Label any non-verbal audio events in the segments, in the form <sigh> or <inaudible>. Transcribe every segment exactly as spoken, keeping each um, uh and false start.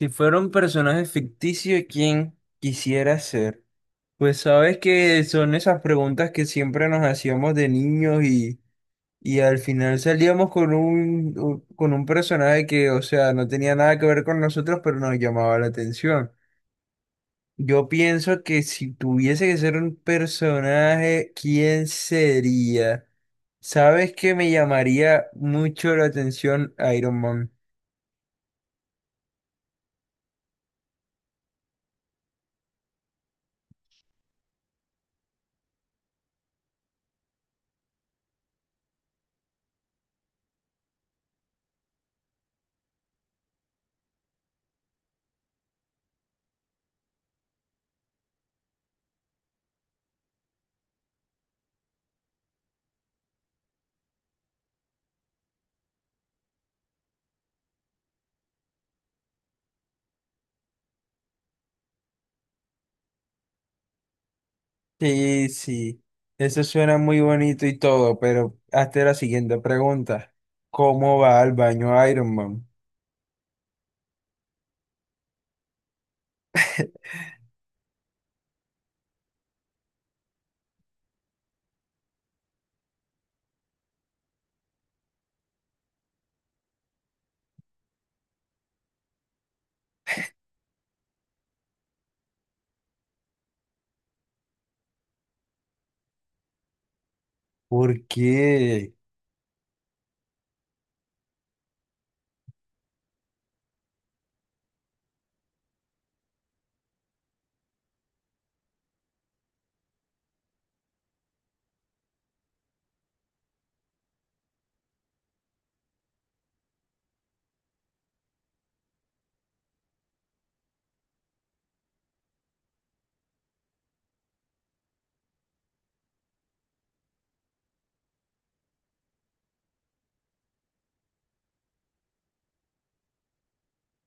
Si fuera un personaje ficticio, ¿quién quisiera ser? Pues sabes que son esas preguntas que siempre nos hacíamos de niños y, y al final salíamos con un, un- con un personaje que, o sea, no tenía nada que ver con nosotros, pero nos llamaba la atención. Yo pienso que si tuviese que ser un personaje, ¿quién sería? ¿Sabes que me llamaría mucho la atención Iron Man? Sí, sí, eso suena muy bonito y todo, pero hazte la siguiente pregunta. ¿Cómo va al baño Iron Man? <laughs> ¿Por qué?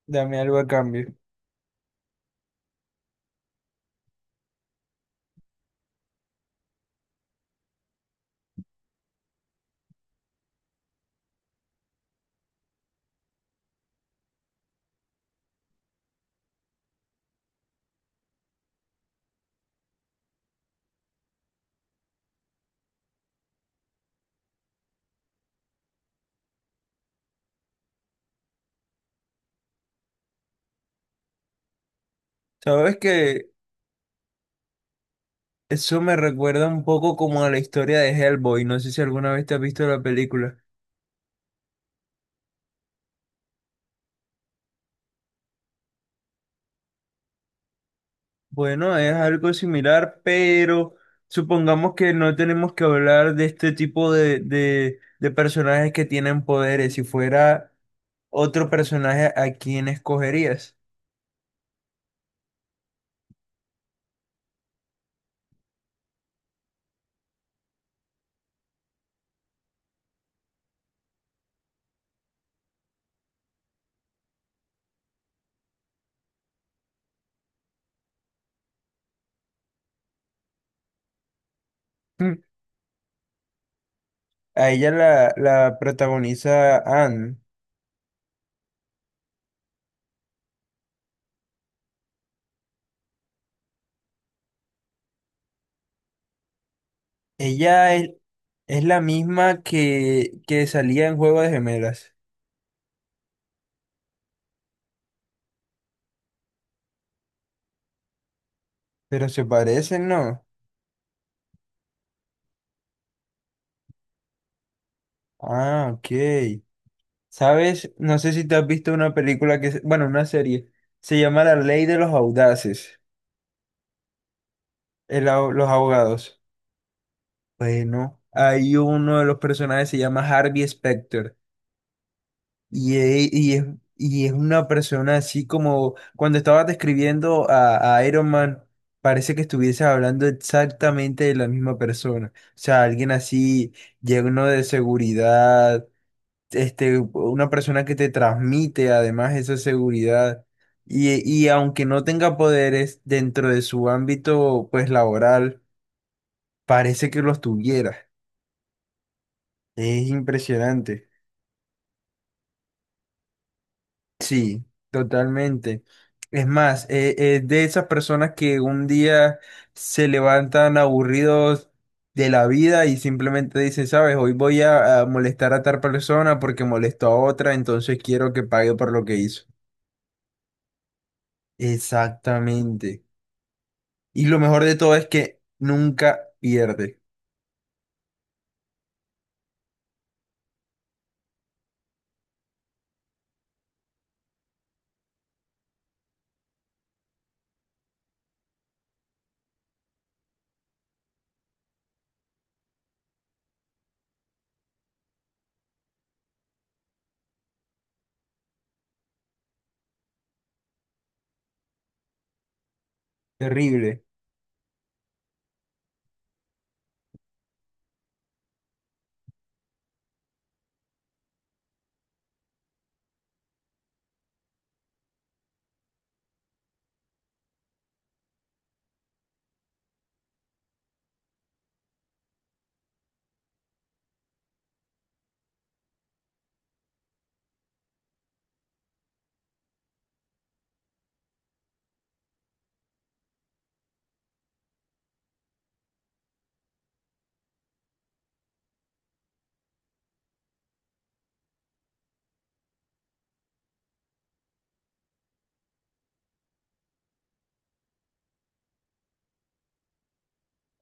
Dame algo a cambio. Sabes que eso me recuerda un poco como a la historia de Hellboy. No sé si alguna vez te has visto la película. Bueno, es algo similar, pero supongamos que no tenemos que hablar de este tipo de, de, de personajes que tienen poderes. Si fuera otro personaje, ¿a quién escogerías? Mm. A ella la, la protagoniza Anne. Ella es, es la misma que, que salía en Juego de Gemelas. Pero se parecen, ¿no? Ah, ok. ¿Sabes? No sé si te has visto una película que... se- Bueno, una serie. Se llama La Ley de los Audaces. El ab- los abogados. Bueno, hay uno de los personajes se llama Harvey Specter. Y, e- y es, y es una persona así como cuando estabas describiendo a, a Iron Man, parece que estuvieses hablando exactamente de la misma persona. O sea, alguien así lleno de seguridad, este, una persona que te transmite además esa seguridad. Y, y aunque no tenga poderes dentro de su ámbito pues laboral, parece que los tuviera. Es impresionante. Sí, totalmente. Es más, eh, eh, de esas personas que un día se levantan aburridos de la vida y simplemente dicen, sabes, hoy voy a, a molestar a tal persona porque molestó a otra, entonces quiero que pague por lo que hizo. Exactamente. Y lo mejor de todo es que nunca pierde. Terrible.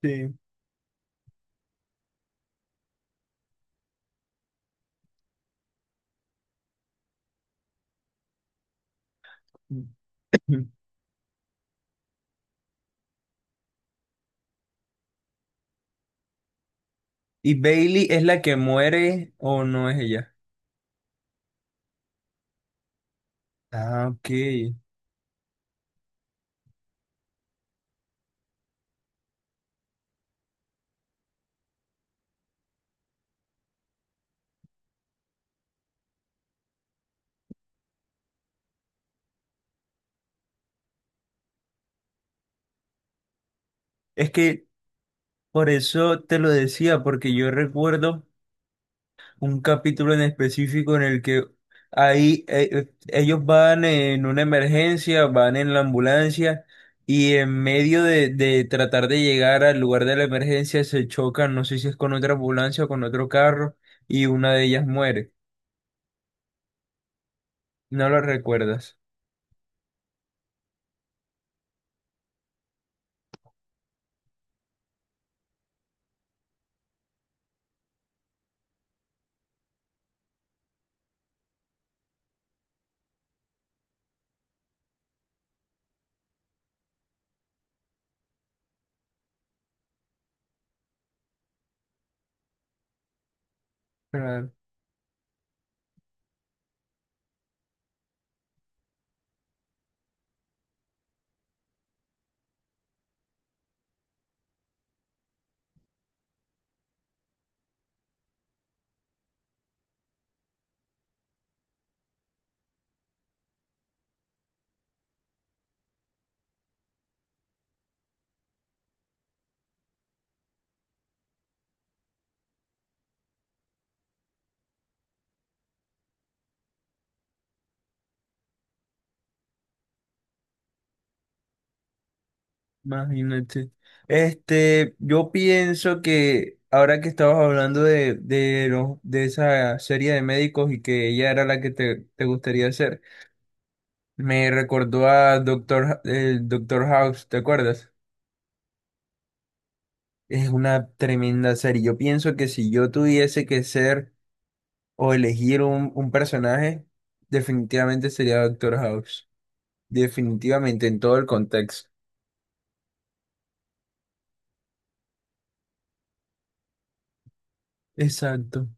Sí. <clears throat> ¿Y Bailey es la que muere o no es ella? Ah, ok. Es que, por eso te lo decía, porque yo recuerdo un capítulo en específico en el que ahí eh, ellos van en una emergencia, van en la ambulancia y en medio de, de tratar de llegar al lugar de la emergencia se chocan, no sé si es con otra ambulancia o con otro carro y una de ellas muere. ¿No lo recuerdas? Claro. Imagínate. Este, yo pienso que ahora que estabas hablando de, de, los- de esa serie de médicos y que ella era la que te, te gustaría hacer me recordó a Doctor, el Doctor House, ¿te acuerdas? Es una tremenda serie. Yo pienso que si yo tuviese que ser o elegir un, un personaje, definitivamente sería Doctor House. Definitivamente, en todo el contexto. Exacto.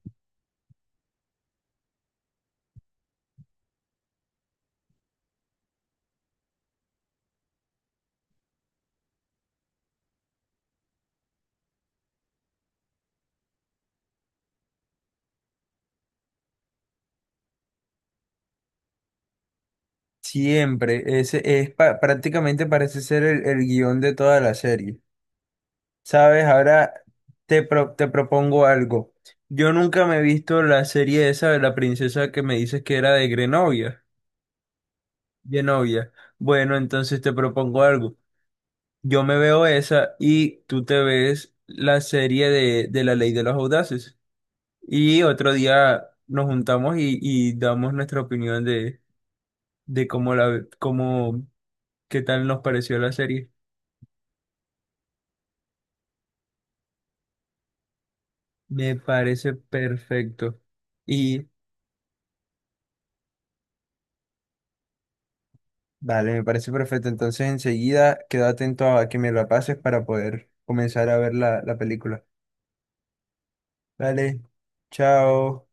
Siempre, ese es pa- prácticamente parece ser el, el guión de toda la serie. Sabes, ahora te, pro- te propongo algo. Yo nunca me he visto la serie esa de la princesa que me dices que era de Grenovia, Genovia. Bueno, entonces te propongo algo. Yo me veo esa y tú te ves la serie de, de La Ley de los Audaces. Y otro día nos juntamos y, y damos nuestra opinión de, de cómo la, cómo, qué tal nos pareció la serie. Me parece perfecto. Y vale, me parece perfecto. Entonces enseguida quedo atento a que me la pases para poder comenzar a ver la, la película. Vale, chao.